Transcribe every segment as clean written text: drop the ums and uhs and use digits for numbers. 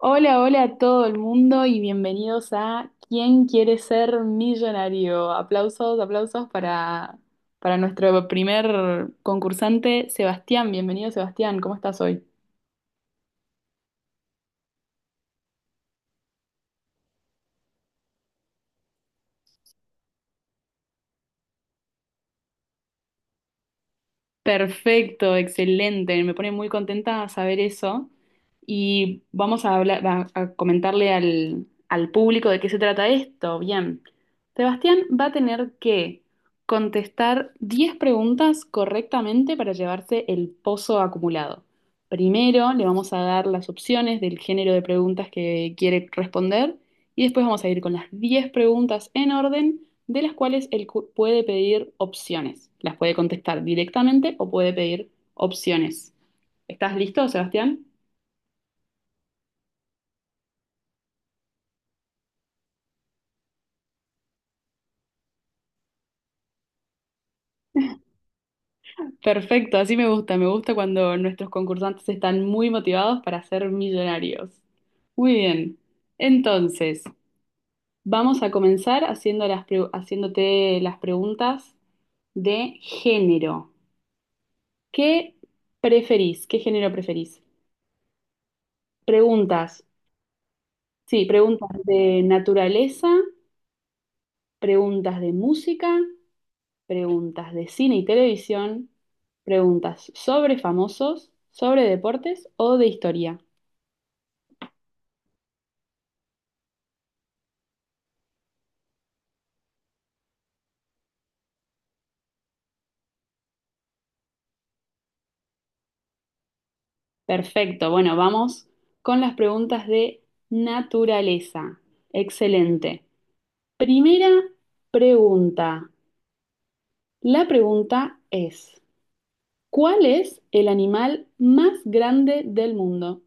Hola, hola a todo el mundo y bienvenidos a ¿Quién quiere ser millonario? Aplausos, aplausos para nuestro primer concursante, Sebastián. Bienvenido, Sebastián. ¿Cómo estás hoy? Perfecto, excelente. Me pone muy contenta saber eso. Y vamos a hablar, a comentarle al público de qué se trata esto. Bien. Sebastián va a tener que contestar 10 preguntas correctamente para llevarse el pozo acumulado. Primero le vamos a dar las opciones del género de preguntas que quiere responder y después vamos a ir con las 10 preguntas en orden de las cuales él puede pedir opciones. Las puede contestar directamente o puede pedir opciones. ¿Estás listo, Sebastián? Perfecto, así me gusta. Me gusta cuando nuestros concursantes están muy motivados para ser millonarios. Muy bien. Entonces, vamos a comenzar haciendo haciéndote las preguntas de género. ¿Qué preferís? ¿Qué género preferís? Preguntas, sí, preguntas de naturaleza, preguntas de música preguntas de cine y televisión, preguntas sobre famosos, sobre deportes o de historia. Perfecto, bueno, vamos con las preguntas de naturaleza. Excelente. Primera pregunta. La pregunta es, ¿cuál es el animal más grande del mundo?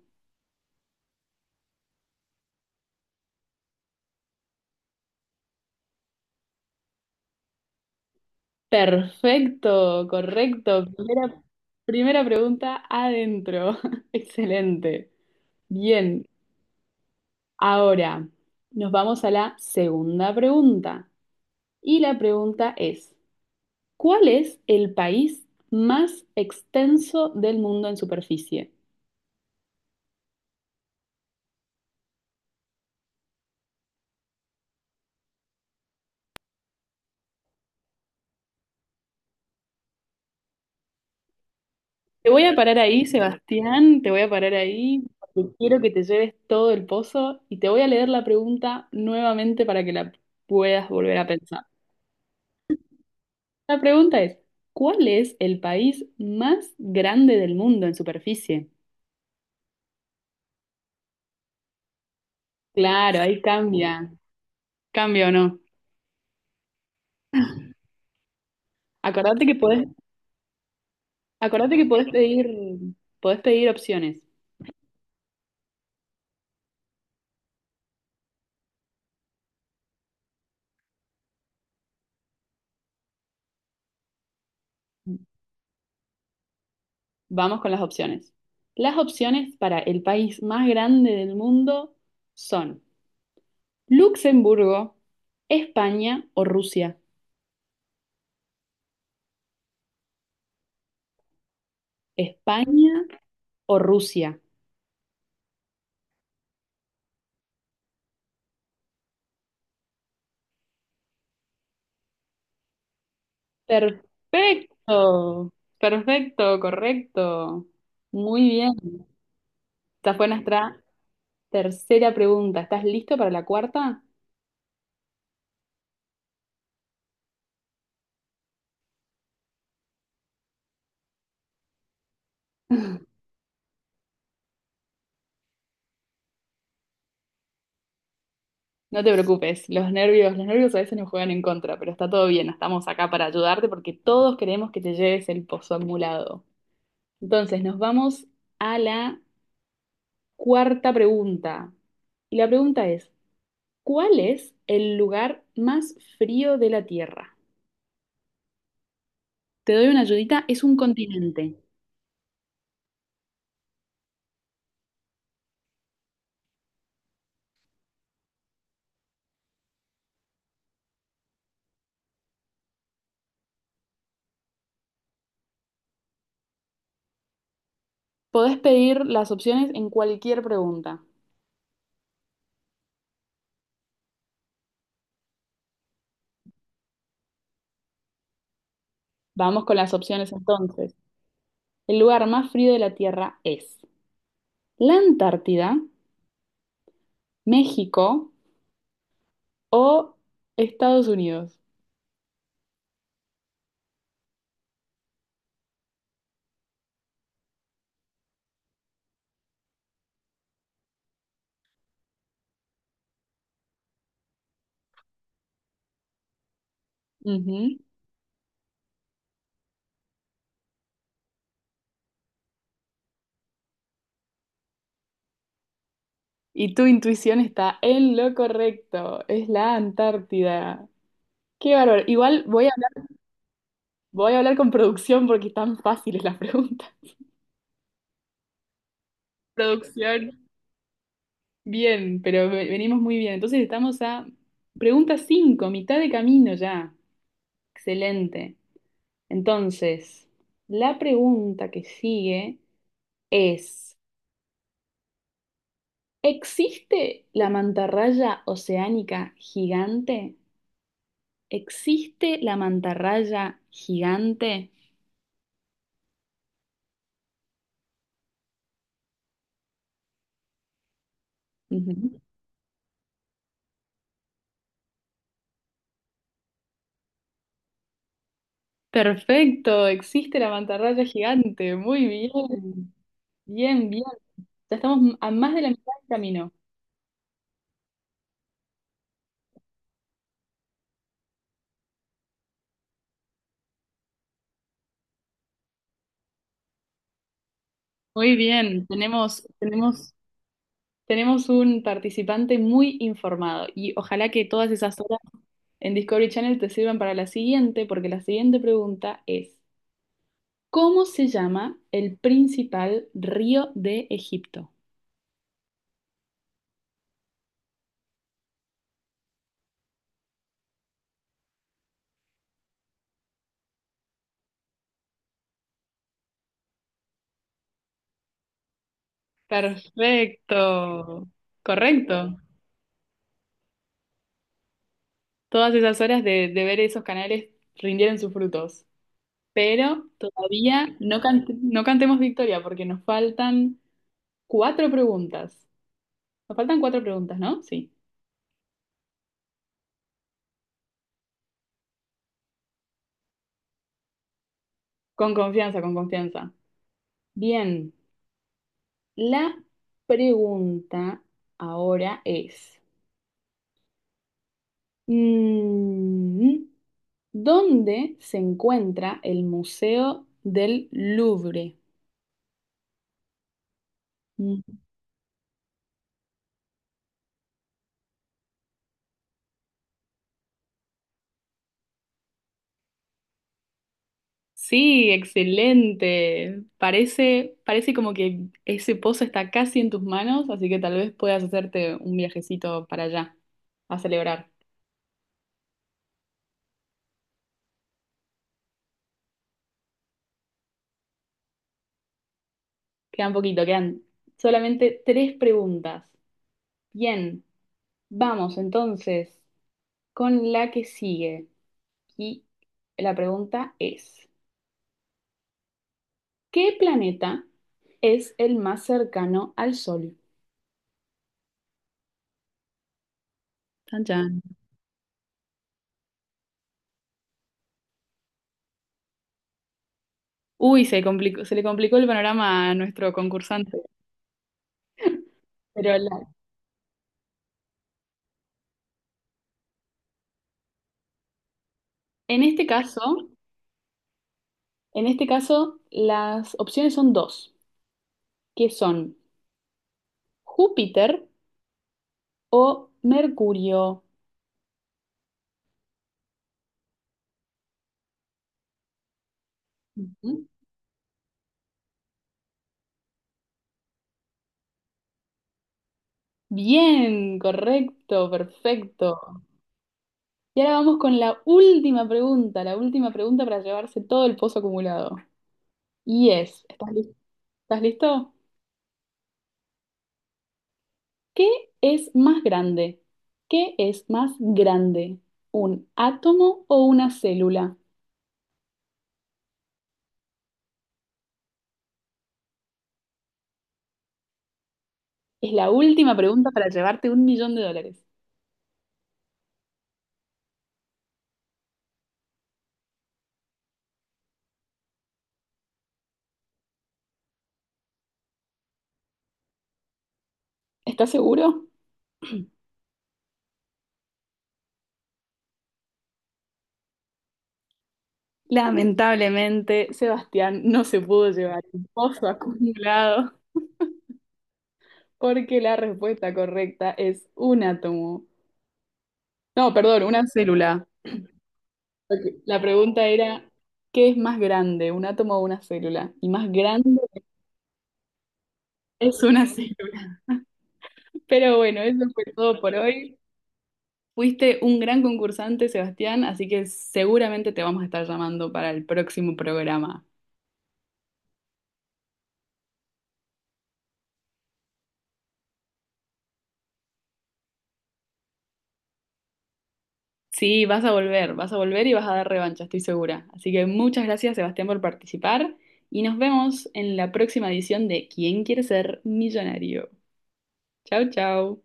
Perfecto, correcto. Primera pregunta adentro. Excelente. Bien. Ahora, nos vamos a la segunda pregunta. Y la pregunta es, ¿cuál es el país más extenso del mundo en superficie? Te voy a parar ahí, Sebastián, te voy a parar ahí, porque quiero que te lleves todo el pozo y te voy a leer la pregunta nuevamente para que la puedas volver a pensar. La pregunta es, ¿cuál es el país más grande del mundo en superficie? Claro, ahí cambia, cambia o no. Acordate que podés Acordate que podés pedir opciones. Vamos con las opciones. Las opciones para el país más grande del mundo son Luxemburgo, España o Rusia. España o Rusia. Perfecto, perfecto, correcto. Muy bien. Esta fue nuestra tercera pregunta. ¿Estás listo para la cuarta? No te preocupes, los nervios a veces nos juegan en contra, pero está todo bien, estamos acá para ayudarte porque todos queremos que te lleves el pozo acumulado. Entonces, nos vamos a la cuarta pregunta. Y la pregunta es, ¿cuál es el lugar más frío de la Tierra? Te doy una ayudita, es un continente. Podés pedir las opciones en cualquier pregunta. Vamos con las opciones entonces. El lugar más frío de la Tierra es la Antártida, México, o Estados Unidos. Ujú. Y tu intuición está en lo correcto, es la Antártida. Qué bárbaro. Igual voy a hablar con producción porque están fáciles las preguntas. Producción, bien, pero venimos muy bien. Entonces estamos a pregunta cinco, mitad de camino ya. Excelente. Entonces, la pregunta que sigue es, ¿existe la mantarraya oceánica gigante? ¿Existe la mantarraya gigante? Ujú. Perfecto, existe la mantarraya gigante. Muy bien, bien, bien. Ya estamos a más de la mitad del camino. Muy bien, tenemos un participante muy informado y ojalá que todas esas horas en Discovery Channel te sirvan para la siguiente, porque la siguiente pregunta es, ¿cómo se llama el principal río de Egipto? Perfecto, correcto. Todas esas horas de ver esos canales rindieron sus frutos, pero todavía no, no cantemos victoria porque nos faltan cuatro preguntas. Nos faltan cuatro preguntas, ¿no? Sí. Con confianza, con confianza. Bien, la pregunta ahora es, mm, ¿dónde se encuentra el Museo del Louvre? Mm. Sí, excelente. Parece, parece como que ese pozo está casi en tus manos, así que tal vez puedas hacerte un viajecito para allá a celebrar. Quedan poquito, quedan solamente tres preguntas. Bien, vamos entonces con la que sigue. Y la pregunta es, ¿qué planeta es el más cercano al Sol? Chan, chan. Uy, se le complicó el panorama a nuestro concursante. Pero la- en este caso. En este caso, las opciones son dos, que son Júpiter o Mercurio. Ujú. Bien, correcto, perfecto. Y ahora vamos con la última pregunta para llevarse todo el pozo acumulado. Y es, ¿estás listo? ¿Qué es más grande? ¿Qué es más grande? ¿Un átomo o una célula? Es la última pregunta para llevarte un millón de dólares. ¿Estás seguro? Lamentablemente, Sebastián no se pudo llevar el pozo acumulado porque la respuesta correcta es un átomo. No, perdón, una célula. Ok. La pregunta era, ¿qué es más grande, un átomo o una célula? Y más grande es una célula. Pero bueno, eso fue todo por hoy. Fuiste un gran concursante, Sebastián, así que seguramente te vamos a estar llamando para el próximo programa. Sí, vas a volver y vas a dar revancha, estoy segura. Así que muchas gracias, Sebastián, por participar y nos vemos en la próxima edición de ¿Quién quiere ser millonario? Chau, chau.